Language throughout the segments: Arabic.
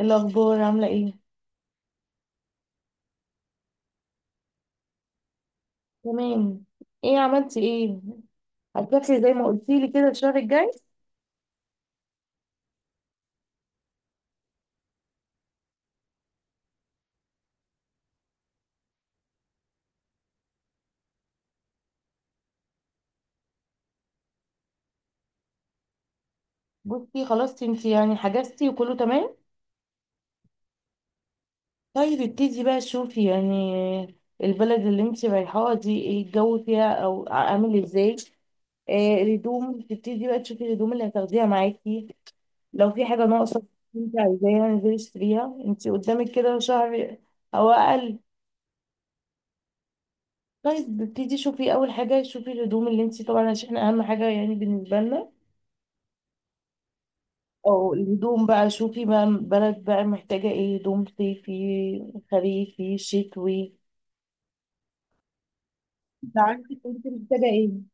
الأخبار عاملة ايه؟ تمام. ايه عملتي ايه؟ هتسافري زي ما قلتيلي كده الشهر الجاي؟ بصي، خلاص انتي يعني حجزتي وكله تمام؟ طيب، ابتدي بقى شوفي يعني البلد اللي انتي رايحاها دي ايه الجو فيها او عامل ازاي؟ آه، الهدوم تبتدي بقى تشوفي الهدوم اللي هتاخديها معاكي. لو في حاجة ناقصة انتي عايزاها انزلي اشتريها، انتي قدامك كده شهر او اقل. طيب ابتدي شوفي اول حاجة، شوفي الهدوم اللي انتي طبعا عشان اهم حاجة يعني بالنسبة لنا. او الهدوم بقى شوفي بقى البلد بقى محتاجة ايه، هدوم صيفي خريفي شتوي. انت عندك، انت محتاجه ايه.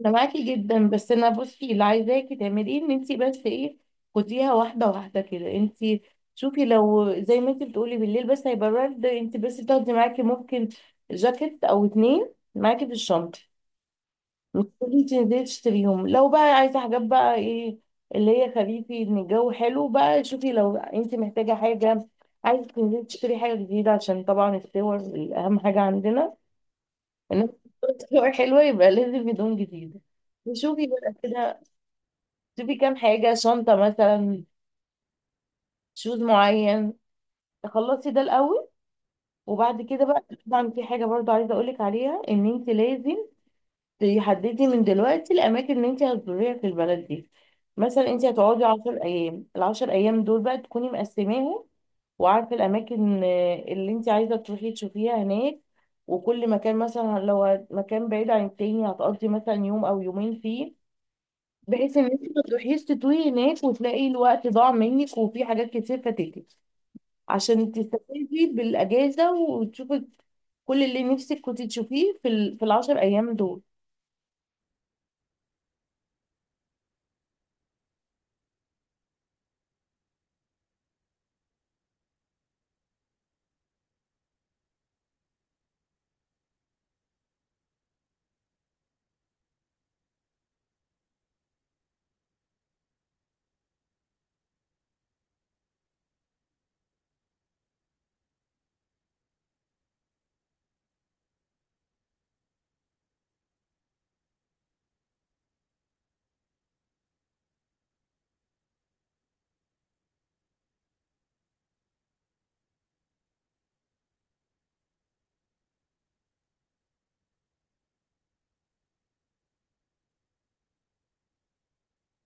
انا معاكي جدا، بس انا بصي اللي عايزاكي تعملي ايه ان انت بس ايه، خديها واحده واحده كده انت. شوفي لو زي ما انت بتقولي بالليل بس هيبقى برد، انت بس تاخدي معاكي ممكن جاكيت او اتنين معاكي في الشنطه. مش تيجي تنزلي تشتريهم. لو بقى عايزة حاجات بقى ايه، اللي هي خريفي، ان الجو حلو بقى، شوفي لو انت محتاجة حاجة، عايزة تنزلي تشتري حاجة جديدة عشان طبعا الصور أهم حاجة عندنا. ان الصور حلوة يبقى لازم هدوم جديدة. وشوفي بقى كده، شوفي كام حاجة، شنطة مثلا، شوز معين. تخلصي ده الأول، وبعد كده بقى طبعا في حاجة برضو عايزة أقولك عليها، إن أنت لازم تحددي من دلوقتي الاماكن اللي انت هتزوريها في البلد دي. مثلا انت هتقعدي 10 ايام، العشر ايام دول بقى تكوني مقسماهم وعارفه الاماكن اللي انت عايزه تروحي تشوفيها هناك. وكل مكان مثلا لو مكان بعيد عن التاني هتقضي مثلا يوم او يومين فيه، بحيث ان انت ما تروحيش تتوهي هناك وتلاقي الوقت ضاع منك وفي حاجات كتير فاتتك. عشان تستفيدي بالاجازه وتشوفي كل اللي نفسك كنت تشوفيه في في العشر ايام دول.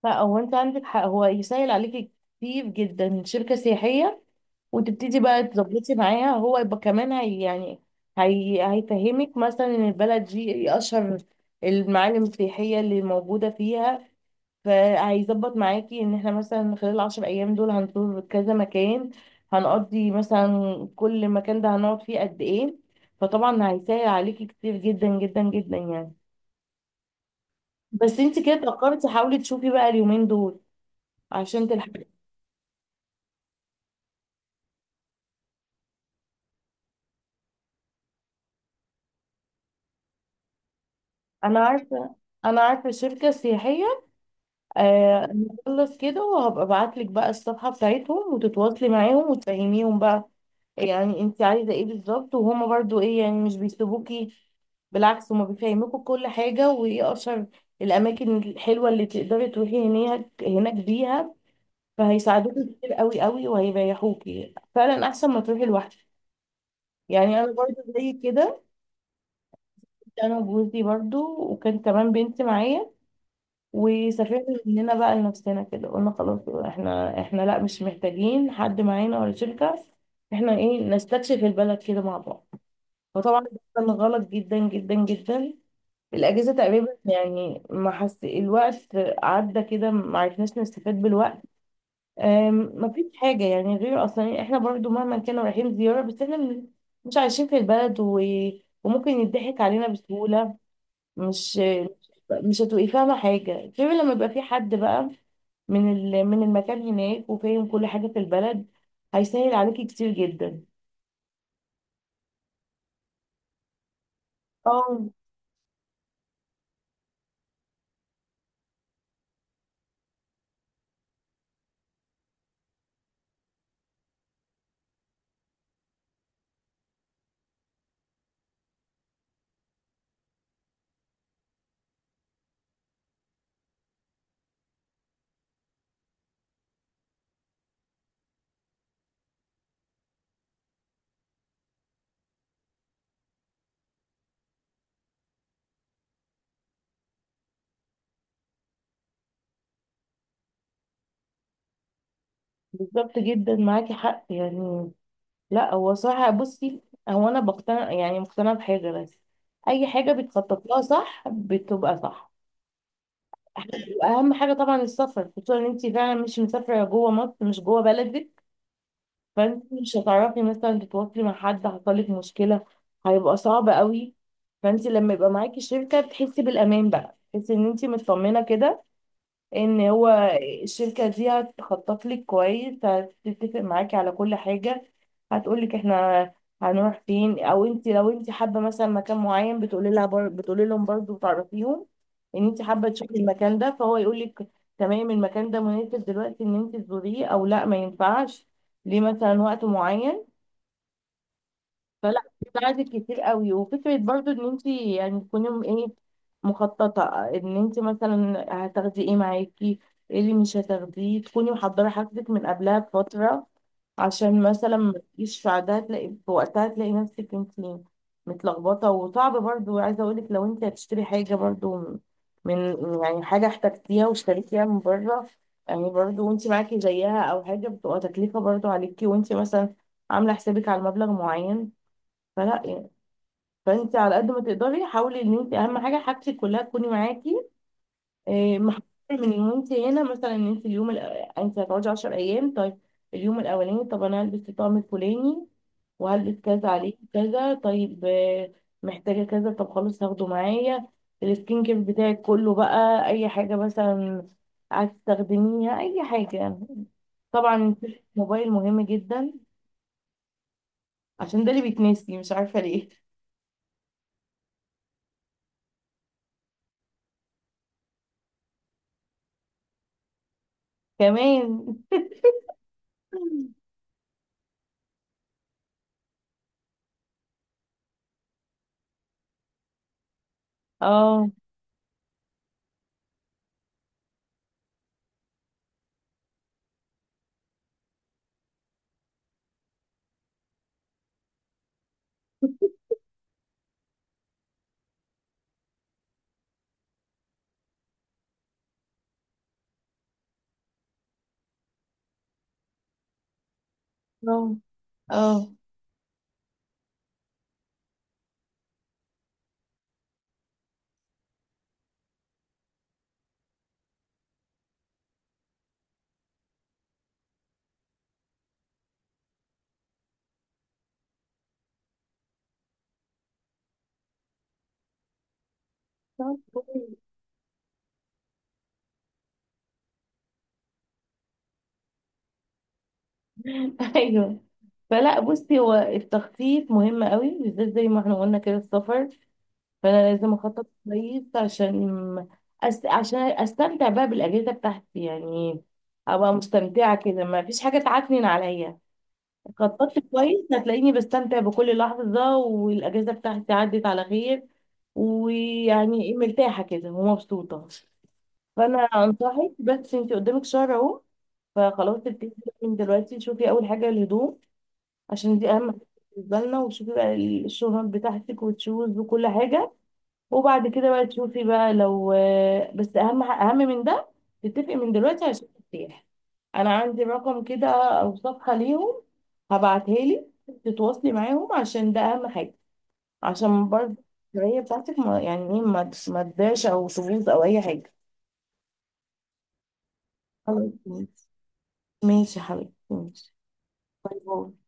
لا، هو انت عندك حق، هو يسهل عليكي كتير جدا شركة سياحية. وتبتدي بقى تظبطي معاها، هو يبقى كمان هي يعني، هي هيفهمك مثلا ان البلد دي ايه اشهر المعالم السياحية اللي موجودة فيها. فهيظبط معاكي ان احنا مثلا خلال العشر ايام دول هنزور كذا مكان، هنقضي مثلا كل مكان ده هنقعد فيه قد ايه. فطبعا هيسهل عليكي كتير جدا جدا جدا يعني. بس انت كده اتأخرتي، حاولي تشوفي بقى اليومين دول عشان تلحقي. انا عارفه، انا عارفه شركه سياحيه. آه، نخلص كده وهبقى ابعت لك بقى الصفحه بتاعتهم وتتواصلي معاهم وتفهميهم بقى يعني انت عايزه ايه بالظبط. وهما برضو ايه، يعني مش بيسيبوكي، بالعكس هما بيفهموكوا كل حاجه وايه اشهر الاماكن الحلوه اللي تقدري تروحي هناك بيها. فهيساعدوكي كتير قوي قوي وهيريحوكي فعلا احسن ما تروحي لوحدك. يعني انا برضو زي كده، انا وجوزي برضو وكان كمان بنتي معايا، وسافرنا مننا بقى لنفسنا كده. قلنا خلاص احنا لا مش محتاجين حد معانا ولا شركة، احنا ايه نستكشف البلد كده مع بعض. فطبعا ده كان غلط جدا جدا جدا. الأجازة تقريبا يعني ما حس الوقت عدى كده، ما عرفناش نستفاد بالوقت. ما فيش حاجة يعني غير أصلا احنا برضو مهما كنا رايحين زيارة بس احنا مش عايشين في البلد وممكن يضحك علينا بسهولة. مش مش هتبقي فاهمة حاجة غير لما يبقى في حد بقى من من المكان هناك وفاهم كل حاجة في البلد، هيسهل عليكي كتير جدا. اه بالظبط، جدا معاكي حق يعني. لا هو صراحة بصي، هو انا بقتنع يعني مقتنعة بحاجة بس، اي حاجة بتخطط لها صح بتبقى صح. واهم حاجة طبعا السفر، خصوصا ان انت فعلا مش مسافرة جوه مصر، مش جوه بلدك. فانت مش هتعرفي مثلا تتواصلي مع حد حصلك مشكلة، هيبقى صعب قوي. فانت لما يبقى معاكي شركة تحسي بالامان بقى، تحسي ان انت مطمنة كده ان هو الشركة دي هتخطط لك كويس، هتتفق معاكي على كل حاجة. هتقولك احنا هنروح فين، او انت لو انت حابة مثلا مكان معين بتقولي لها بتقولي لهم برضه، تعرفيهم ان انت حابة تشوفي المكان ده، فهو يقولك تمام المكان ده مناسب دلوقتي ان انت تزوريه او لا ما ينفعش ليه مثلا وقت معين. فلا بتساعدك كتير قوي. وفكرة برضو ان انت يعني تكوني ايه، مخططة، ان انت مثلا هتاخدي ايه معاكي، ايه اللي مش هتاخديه، تكوني محضرة حاجتك من قبلها بفترة، عشان مثلا ما تجيش في عادها تلاقي في وقتها تلاقي نفسك انت متلخبطة. وصعب برضو، عايزة اقولك لو انت هتشتري حاجة برضو من يعني حاجة احتجتيها واشتريتيها من بره، يعني برضو وانت معاكي زيها او حاجة بتبقى تكلفة برضو عليكي وانت مثلا عاملة حسابك على مبلغ معين، فلا يعني. فانت على قد ما تقدري حاولي ان انت اهم حاجه حاجتك كلها تكوني معاكي، محفوظه من وانت هنا. مثلا ان انت اليوم انت هتقعدي 10 ايام. طيب اليوم الاولاني طب انا هلبس الطقم الفلاني وهلبس كذا عليه كذا. طيب محتاجه كذا، طب خلاص هاخده معايا. السكين كير بتاعك كله بقى، اي حاجه مثلا عايز تستخدميها، اي حاجه يعني. طبعا الموبايل مهم جدا عشان ده اللي بيتنسي، مش عارفه ليه. كمان اه، اه، اه، طب كويس. ايوه. فلا بصي، هو التخطيط مهم قوي بالذات زي ما احنا قلنا كده السفر، فانا لازم اخطط كويس عشان عشان استمتع بقى بالاجازه بتاعتي يعني. ابقى مستمتعه كده، ما فيش حاجه تعكنن عليا. خططت كويس هتلاقيني بستمتع بكل لحظه، والاجازه بتاعتي عدت على خير، ويعني مرتاحه كده ومبسوطه. فانا انصحك، بس انت قدامك شهر اهو، فخلاص تبتدي من دلوقتي، شوفي اول حاجه الهدوم، عشان دي اهم حاجه بالنسبه لنا. وتشوفي بقى الشنط بتاعتك وتشوز وكل حاجه. وبعد كده بقى تشوفي بقى لو، بس اهم اهم من ده، تتفقي من دلوقتي عشان ترتاح. انا عندي رقم كده او صفحه ليهم، هبعتها لك، تتواصلي معاهم، عشان ده اهم حاجه، عشان برضه الرفاهية بتاعتك ما يعني ايه ما تضيعش او تبوظ او اي حاجه. خلاص ماشي. ماشي يا حبيبتي ماشي. باي باي.